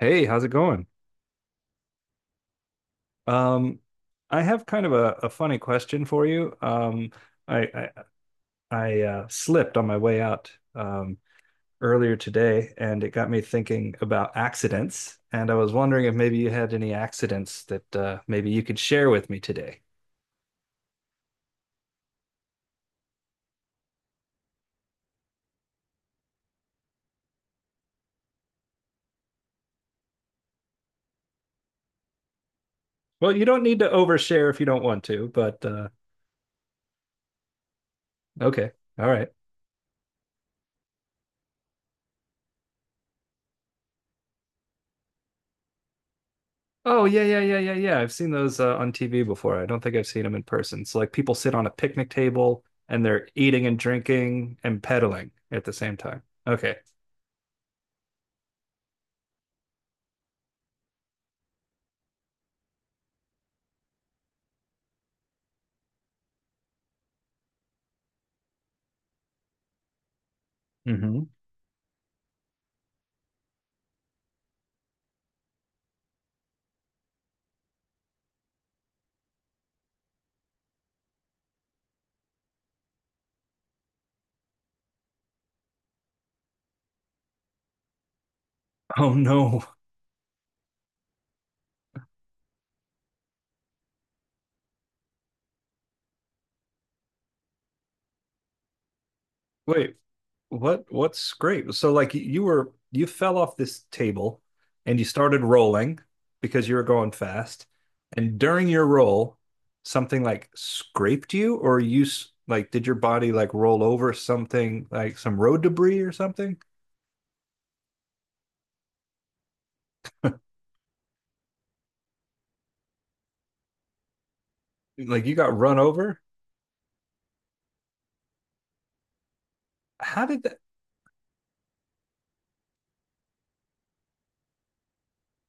Hey, how's it going? Um, I have kind of a funny question for you. I I, I slipped on my way out earlier today, and it got me thinking about accidents. And I was wondering if maybe you had any accidents that maybe you could share with me today. Well, you don't need to overshare if you don't want to, but okay, all right. Oh yeah, yeah, yeah, yeah, yeah. I've seen those on TV before. I don't think I've seen them in person. So like people sit on a picnic table and they're eating and drinking and pedaling at the same time. Okay. Hmm. Oh no. Wait. What scrape? So like you fell off this table and you started rolling because you were going fast. And during your roll, something like scraped you or like did your body like roll over something like some road debris or something? Like you got run over? How did that?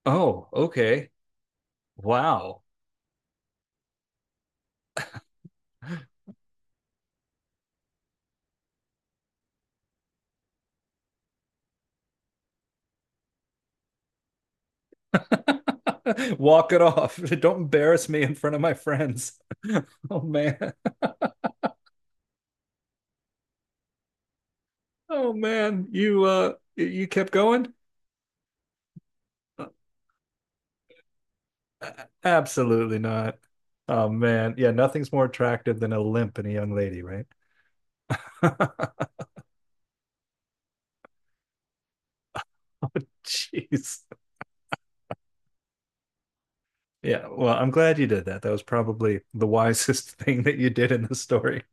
Oh, okay. Wow. Walk it off. Don't embarrass me in front of my friends. Oh man. Oh man. You you kept going? Uh, Absolutely not. Oh man. Yeah, nothing's more attractive than a limp in a young lady, right? Jeez. Yeah, well, I'm glad you did that. That was probably the wisest thing that you did in the story.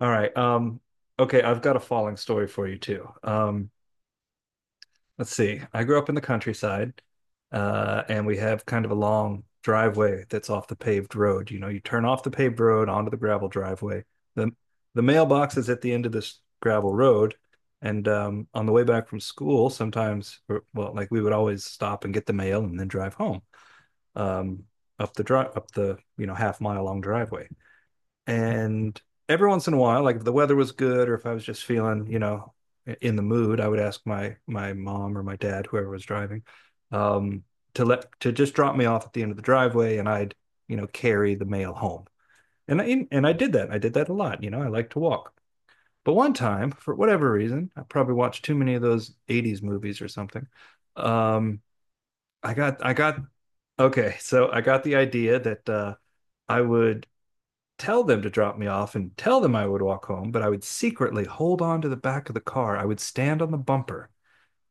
All right. Okay, I've got a falling story for you too. Let's see. I grew up in the countryside, and we have kind of a long driveway that's off the paved road. You know, you turn off the paved road onto the gravel driveway. The the mailbox is at the end of this gravel road, and on the way back from school, sometimes, or, well, like we would always stop and get the mail and then drive home, um, up the you know, half mile long driveway. And every once in a while, like if the weather was good or if I was just feeling, you know, in the mood, I would ask my mom or my dad, whoever was driving, um, to let to just drop me off at the end of the driveway and I'd, you know, carry the mail home. And I did that. I did that a lot, you know, I like to walk. But one time, for whatever reason, I probably watched too many of those 80s movies or something. Um, I got okay, so I got the idea that I would tell them to drop me off and tell them I would walk home, but I would secretly hold on to the back of the car. I would stand on the bumper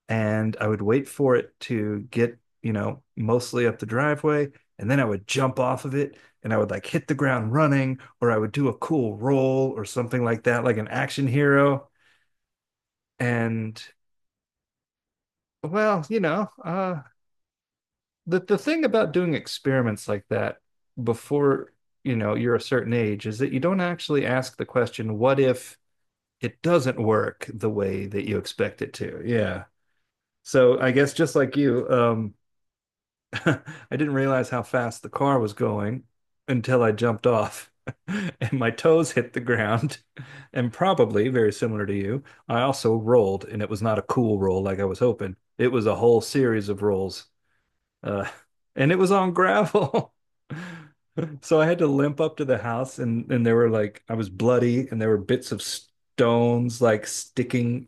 and I would wait for it to get, you know, mostly up the driveway. And then I would jump off of it and I would like hit the ground running, or I would do a cool roll or something like that, like an action hero. And well, you know, the thing about doing experiments like that before, you know, you're a certain age is that you don't actually ask the question, what if it doesn't work the way that you expect it to. Yeah. So I guess just like you, I didn't realize how fast the car was going until I jumped off and my toes hit the ground. And probably very similar to you, I also rolled and it was not a cool roll like I was hoping. It was a whole series of rolls, uh, and it was on gravel. So I had to limp up to the house, and there were, like, I was bloody, and there were bits of stones like sticking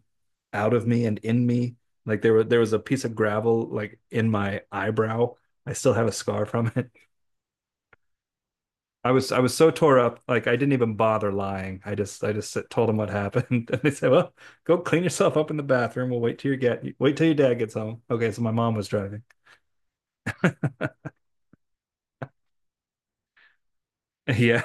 out of me and in me. Like there was a piece of gravel like in my eyebrow. I still have a scar from it. I was so tore up, like I didn't even bother lying. I just told them what happened, and they said, "Well, go clean yourself up in the bathroom. We'll wait till your dad gets home." Okay, so my mom was driving. Yeah,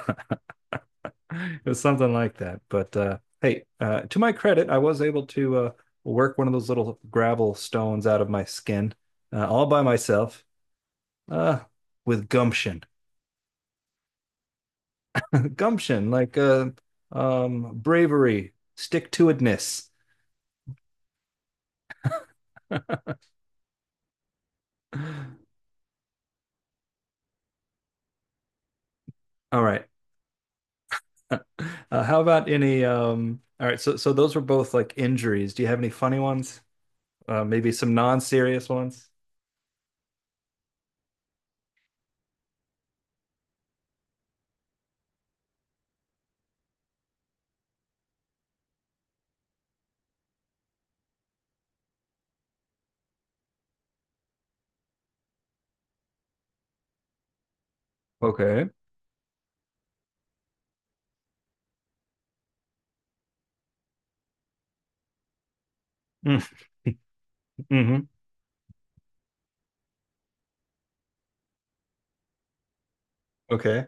it was something like that. To my credit, I was able to work one of those little gravel stones out of my skin, all by myself, uh, with gumption. Gumption, like, bravery, stick-to-itiveness. All right. Uh, how about any? All right. So those were both like injuries. Do you have any funny ones? Maybe some non-serious ones? Okay. Mm, hmm Okay.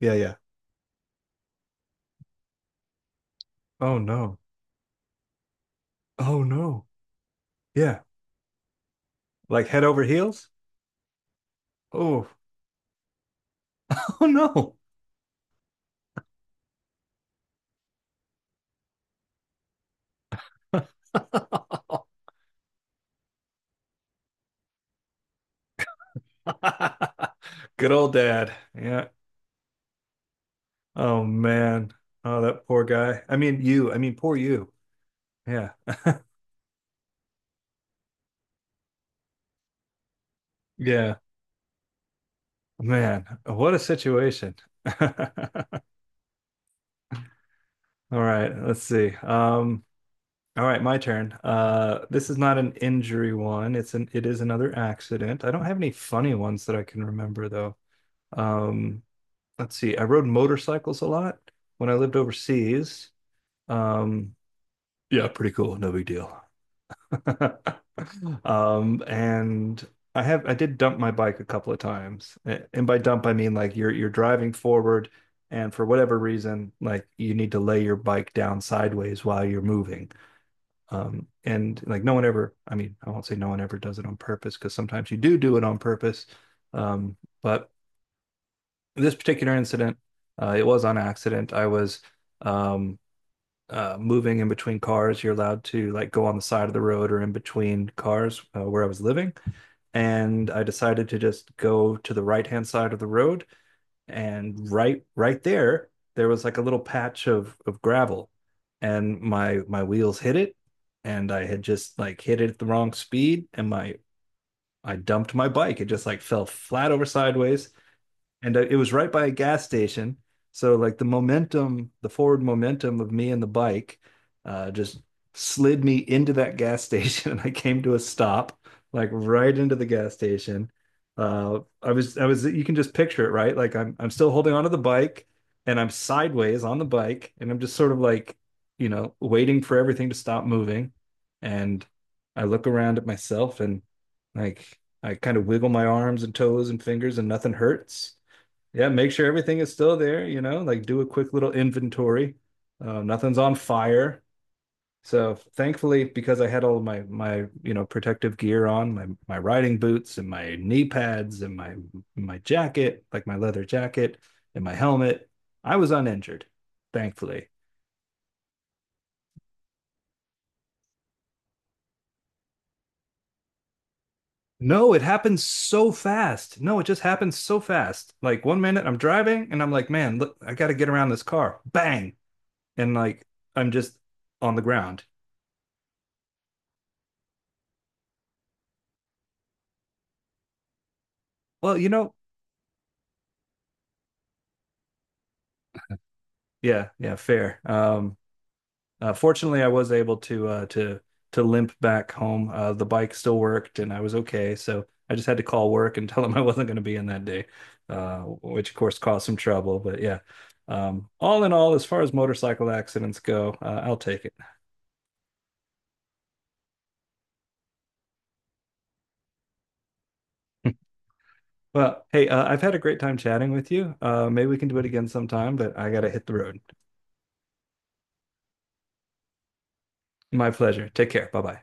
Yeah, yeah. Oh no. Oh no. Yeah. Like head over heels? Oh, oh no. Good old dad. Yeah. Oh man. Oh, that poor guy. I mean you. I mean poor you. Yeah. Yeah. Man, what a situation. All right, let's see. All right, my turn. This is not an injury one. It is another accident. I don't have any funny ones that I can remember though. Um, let's see, I rode motorcycles a lot when I lived overseas. Um, yeah, pretty cool, no big deal. And I have I did dump my bike a couple of times. And by dump I mean like you're driving forward and for whatever reason, like you need to lay your bike down sideways while you're moving. And like no one ever, I mean, I won't say no one ever does it on purpose because sometimes you do do it on purpose. Um, but this particular incident, it was on accident. I was, um, moving in between cars. You're allowed to like go on the side of the road or in between cars where I was living. And I decided to just go to the right hand side of the road. And right there, there was like a little patch of gravel, and my wheels hit it, and I had just like hit it at the wrong speed, and my I dumped my bike. It just like fell flat over sideways and, it was right by a gas station. So like the momentum, the forward momentum of me and the bike, just slid me into that gas station, and I came to a stop, like right into the gas station. I was, you can just picture it, right? Like I'm still holding onto the bike, and I'm sideways on the bike, and I'm just sort of like, you know, waiting for everything to stop moving, and I look around at myself and like, I kind of wiggle my arms and toes and fingers and nothing hurts. Yeah, make sure everything is still there, you know, like do a quick little inventory. Nothing's on fire. So thankfully, because I had all of my my you know, protective gear on, my riding boots and my knee pads and my jacket, like my leather jacket and my helmet, I was uninjured, thankfully. No, it happened so fast. No, it just happened so fast. Like one minute I'm driving and I'm like, man, look, I got to get around this car. Bang. And like I'm just on the ground. Well, you know, yeah, yeah, fair. Fortunately, I was able to, to limp back home. The bike still worked, and I was okay. So I just had to call work and tell them I wasn't going to be in that day, which of course caused some trouble. But yeah, all in all, as far as motorcycle accidents go, I'll take it. Well, hey, I've had a great time chatting with you. Maybe we can do it again sometime, but I got to hit the road. My pleasure. Take care. Bye bye.